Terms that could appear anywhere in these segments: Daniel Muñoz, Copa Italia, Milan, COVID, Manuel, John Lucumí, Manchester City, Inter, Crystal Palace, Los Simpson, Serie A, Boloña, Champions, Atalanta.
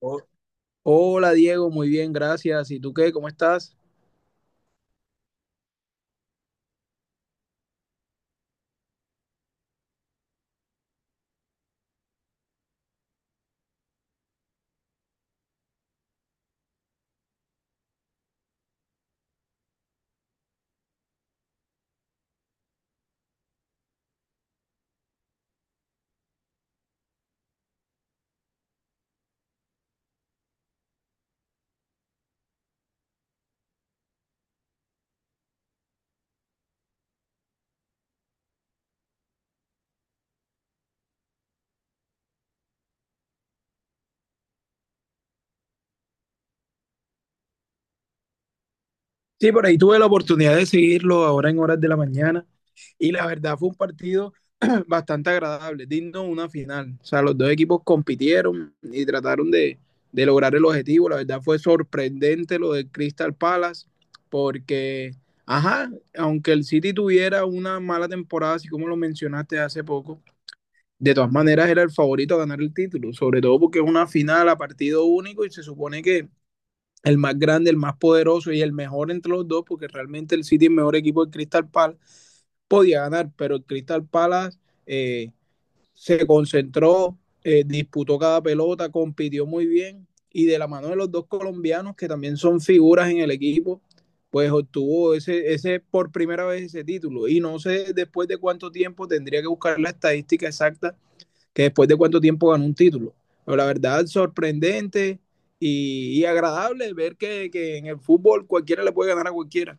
Ho- Hola Diego, muy bien, gracias. ¿Y tú qué? ¿Cómo estás? Sí, por ahí tuve la oportunidad de seguirlo ahora en horas de la mañana y la verdad fue un partido bastante agradable, digno de una final. O sea, los dos equipos compitieron y trataron de lograr el objetivo. La verdad fue sorprendente lo de Crystal Palace porque, ajá, aunque el City tuviera una mala temporada, así como lo mencionaste hace poco, de todas maneras era el favorito a ganar el título, sobre todo porque es una final a partido único y se supone que el más grande, el más poderoso y el mejor entre los dos, porque realmente el City es el mejor equipo del Crystal Palace, podía ganar, pero el Crystal Palace eh, se concentró, disputó cada pelota, compitió muy bien y de la mano de los dos colombianos, que también son figuras en el equipo, pues obtuvo ese por primera vez ese título. Y no sé después de cuánto tiempo, tendría que buscar la estadística exacta, que después de cuánto tiempo ganó un título. Pero la verdad, sorprendente y agradable ver en el fútbol cualquiera le puede ganar a cualquiera.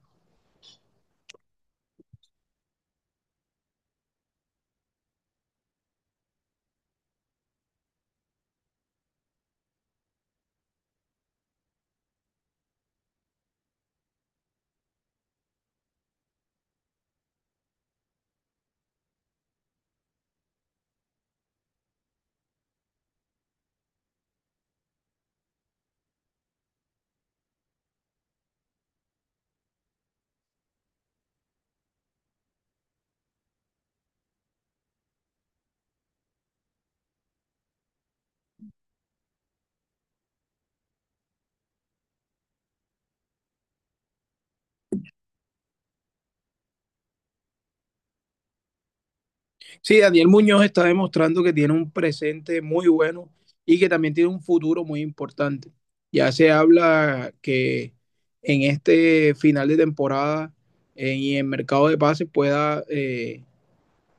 Sí, Daniel Muñoz está demostrando que tiene un presente muy bueno y que también tiene un futuro muy importante. Ya se habla que en este final de temporada y en mercado de pases pueda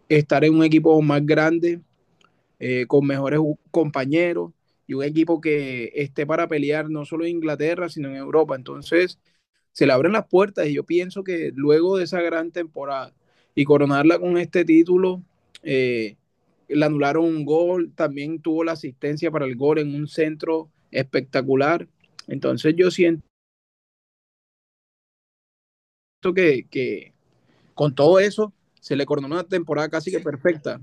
estar en un equipo más grande, con mejores compañeros y un equipo que esté para pelear no solo en Inglaterra, sino en Europa. Entonces, se le abren las puertas y yo pienso que luego de esa gran temporada y coronarla con este título, eh, le anularon un gol, también tuvo la asistencia para el gol en un centro espectacular. Entonces, yo siento que con todo eso se le coronó una temporada casi que perfecta.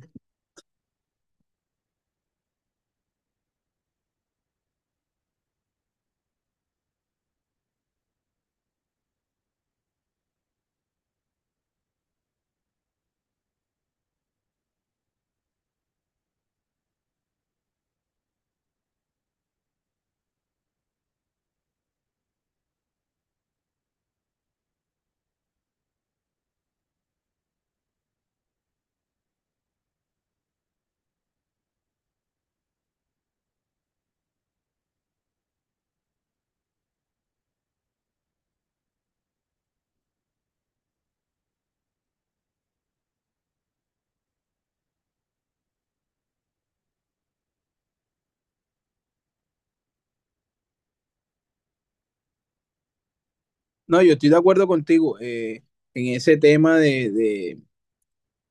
No, yo estoy de acuerdo contigo, en ese tema de, de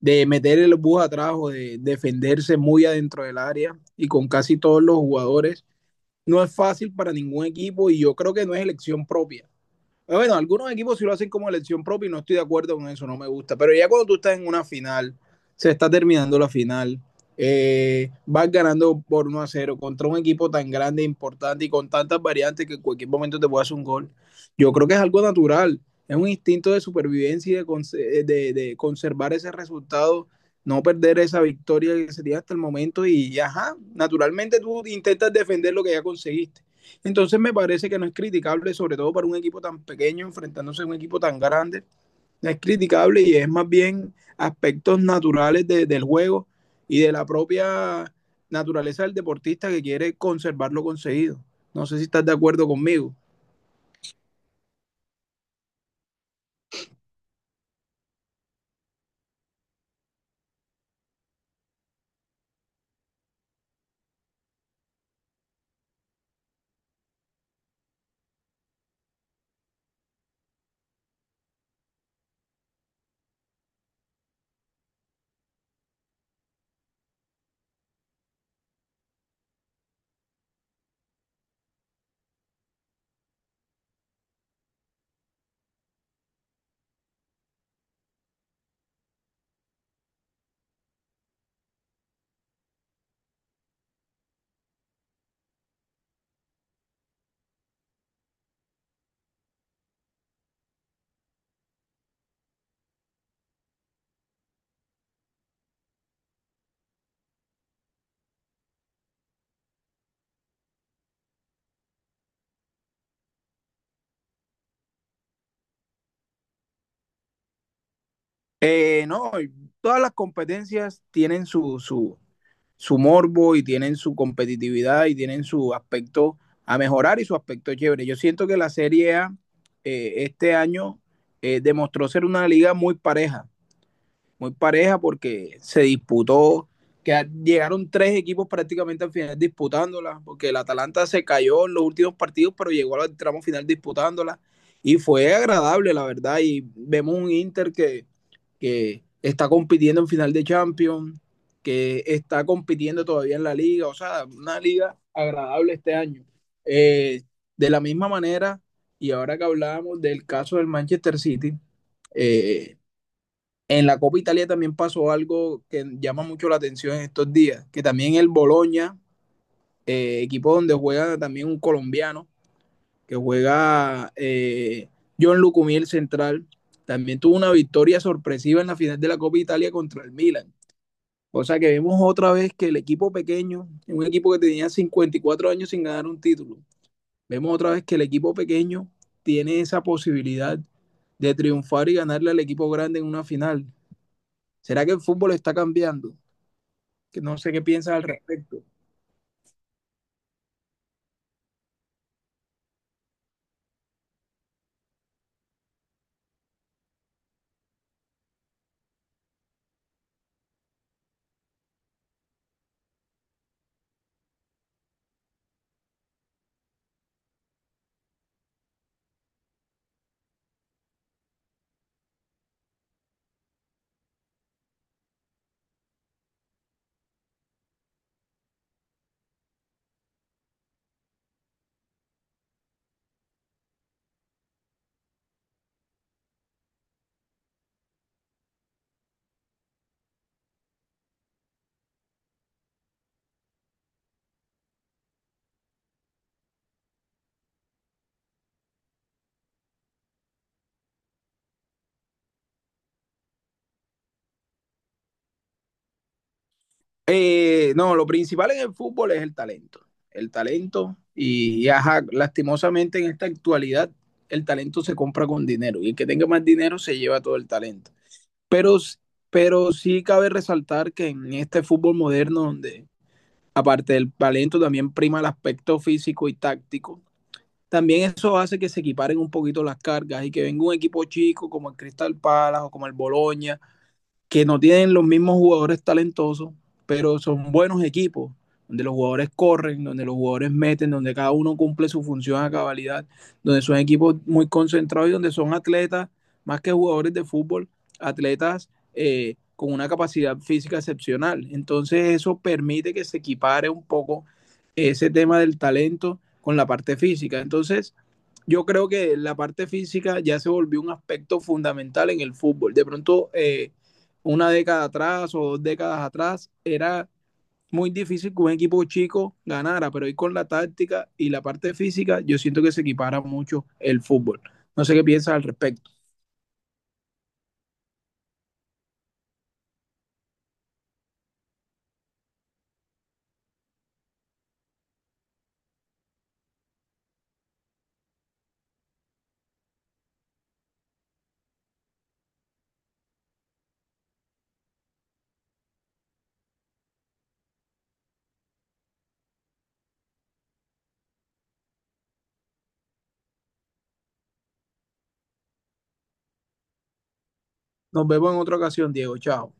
de meter el bus atrás o de defenderse muy adentro del área y con casi todos los jugadores. No es fácil para ningún equipo y yo creo que no es elección propia. Bueno, algunos equipos sí lo hacen como elección propia y no estoy de acuerdo con eso, no me gusta. Pero ya cuando tú estás en una final, se está terminando la final, vas ganando por 1-0 contra un equipo tan grande, importante y con tantas variantes que en cualquier momento te puede hacer un gol. Yo creo que es algo natural, es un instinto de supervivencia y de conservar ese resultado, no perder esa victoria que se tiene hasta el momento y, ajá, naturalmente tú intentas defender lo que ya conseguiste. Entonces me parece que no es criticable, sobre todo para un equipo tan pequeño enfrentándose a un equipo tan grande. No es criticable y es más bien aspectos naturales del juego y de la propia naturaleza del deportista que quiere conservar lo conseguido. No sé si estás de acuerdo conmigo. No, todas las competencias tienen su morbo y tienen su competitividad y tienen su aspecto a mejorar y su aspecto chévere. Yo siento que la Serie A este año demostró ser una liga muy pareja, muy pareja, porque se disputó, que llegaron tres equipos prácticamente al final disputándola, porque el Atalanta se cayó en los últimos partidos, pero llegó al tramo final disputándola y fue agradable, la verdad, y vemos un Inter que está compitiendo en final de Champions, que está compitiendo todavía en la liga, o sea, una liga agradable este año. Eh, de la misma manera, y ahora que hablábamos del caso del Manchester City, eh, en la Copa Italia también pasó algo que llama mucho la atención en estos días, que también el Boloña, equipo donde juega también un colombiano, que juega John Lucumí, el central, también tuvo una victoria sorpresiva en la final de la Copa Italia contra el Milan. O sea que vemos otra vez que el equipo pequeño, un equipo que tenía 54 años sin ganar un título, vemos otra vez que el equipo pequeño tiene esa posibilidad de triunfar y ganarle al equipo grande en una final. ¿Será que el fútbol está cambiando? Que no sé qué piensas al respecto. No, lo principal en el fútbol es el talento. El talento y ajá, lastimosamente en esta actualidad el talento se compra con dinero y el que tenga más dinero se lleva todo el talento. Pero, pero sí cabe resaltar que en este fútbol moderno donde aparte del talento también prima el aspecto físico y táctico, también eso hace que se equiparen un poquito las cargas y que venga un equipo chico como el Crystal Palace o como el Boloña, que no tienen los mismos jugadores talentosos, pero son buenos equipos, donde los jugadores corren, donde los jugadores meten, donde cada uno cumple su función a cabalidad, donde son equipos muy concentrados y donde son atletas, más que jugadores de fútbol, atletas con una capacidad física excepcional. Entonces eso permite que se equipare un poco ese tema del talento con la parte física. Entonces, yo creo que la parte física ya se volvió un aspecto fundamental en el fútbol. De pronto, una década atrás o dos décadas atrás, era muy difícil que un equipo chico ganara, pero hoy con la táctica y la parte física, yo siento que se equipara mucho el fútbol. No sé qué piensas al respecto. Nos vemos en otra ocasión, Diego. Chao.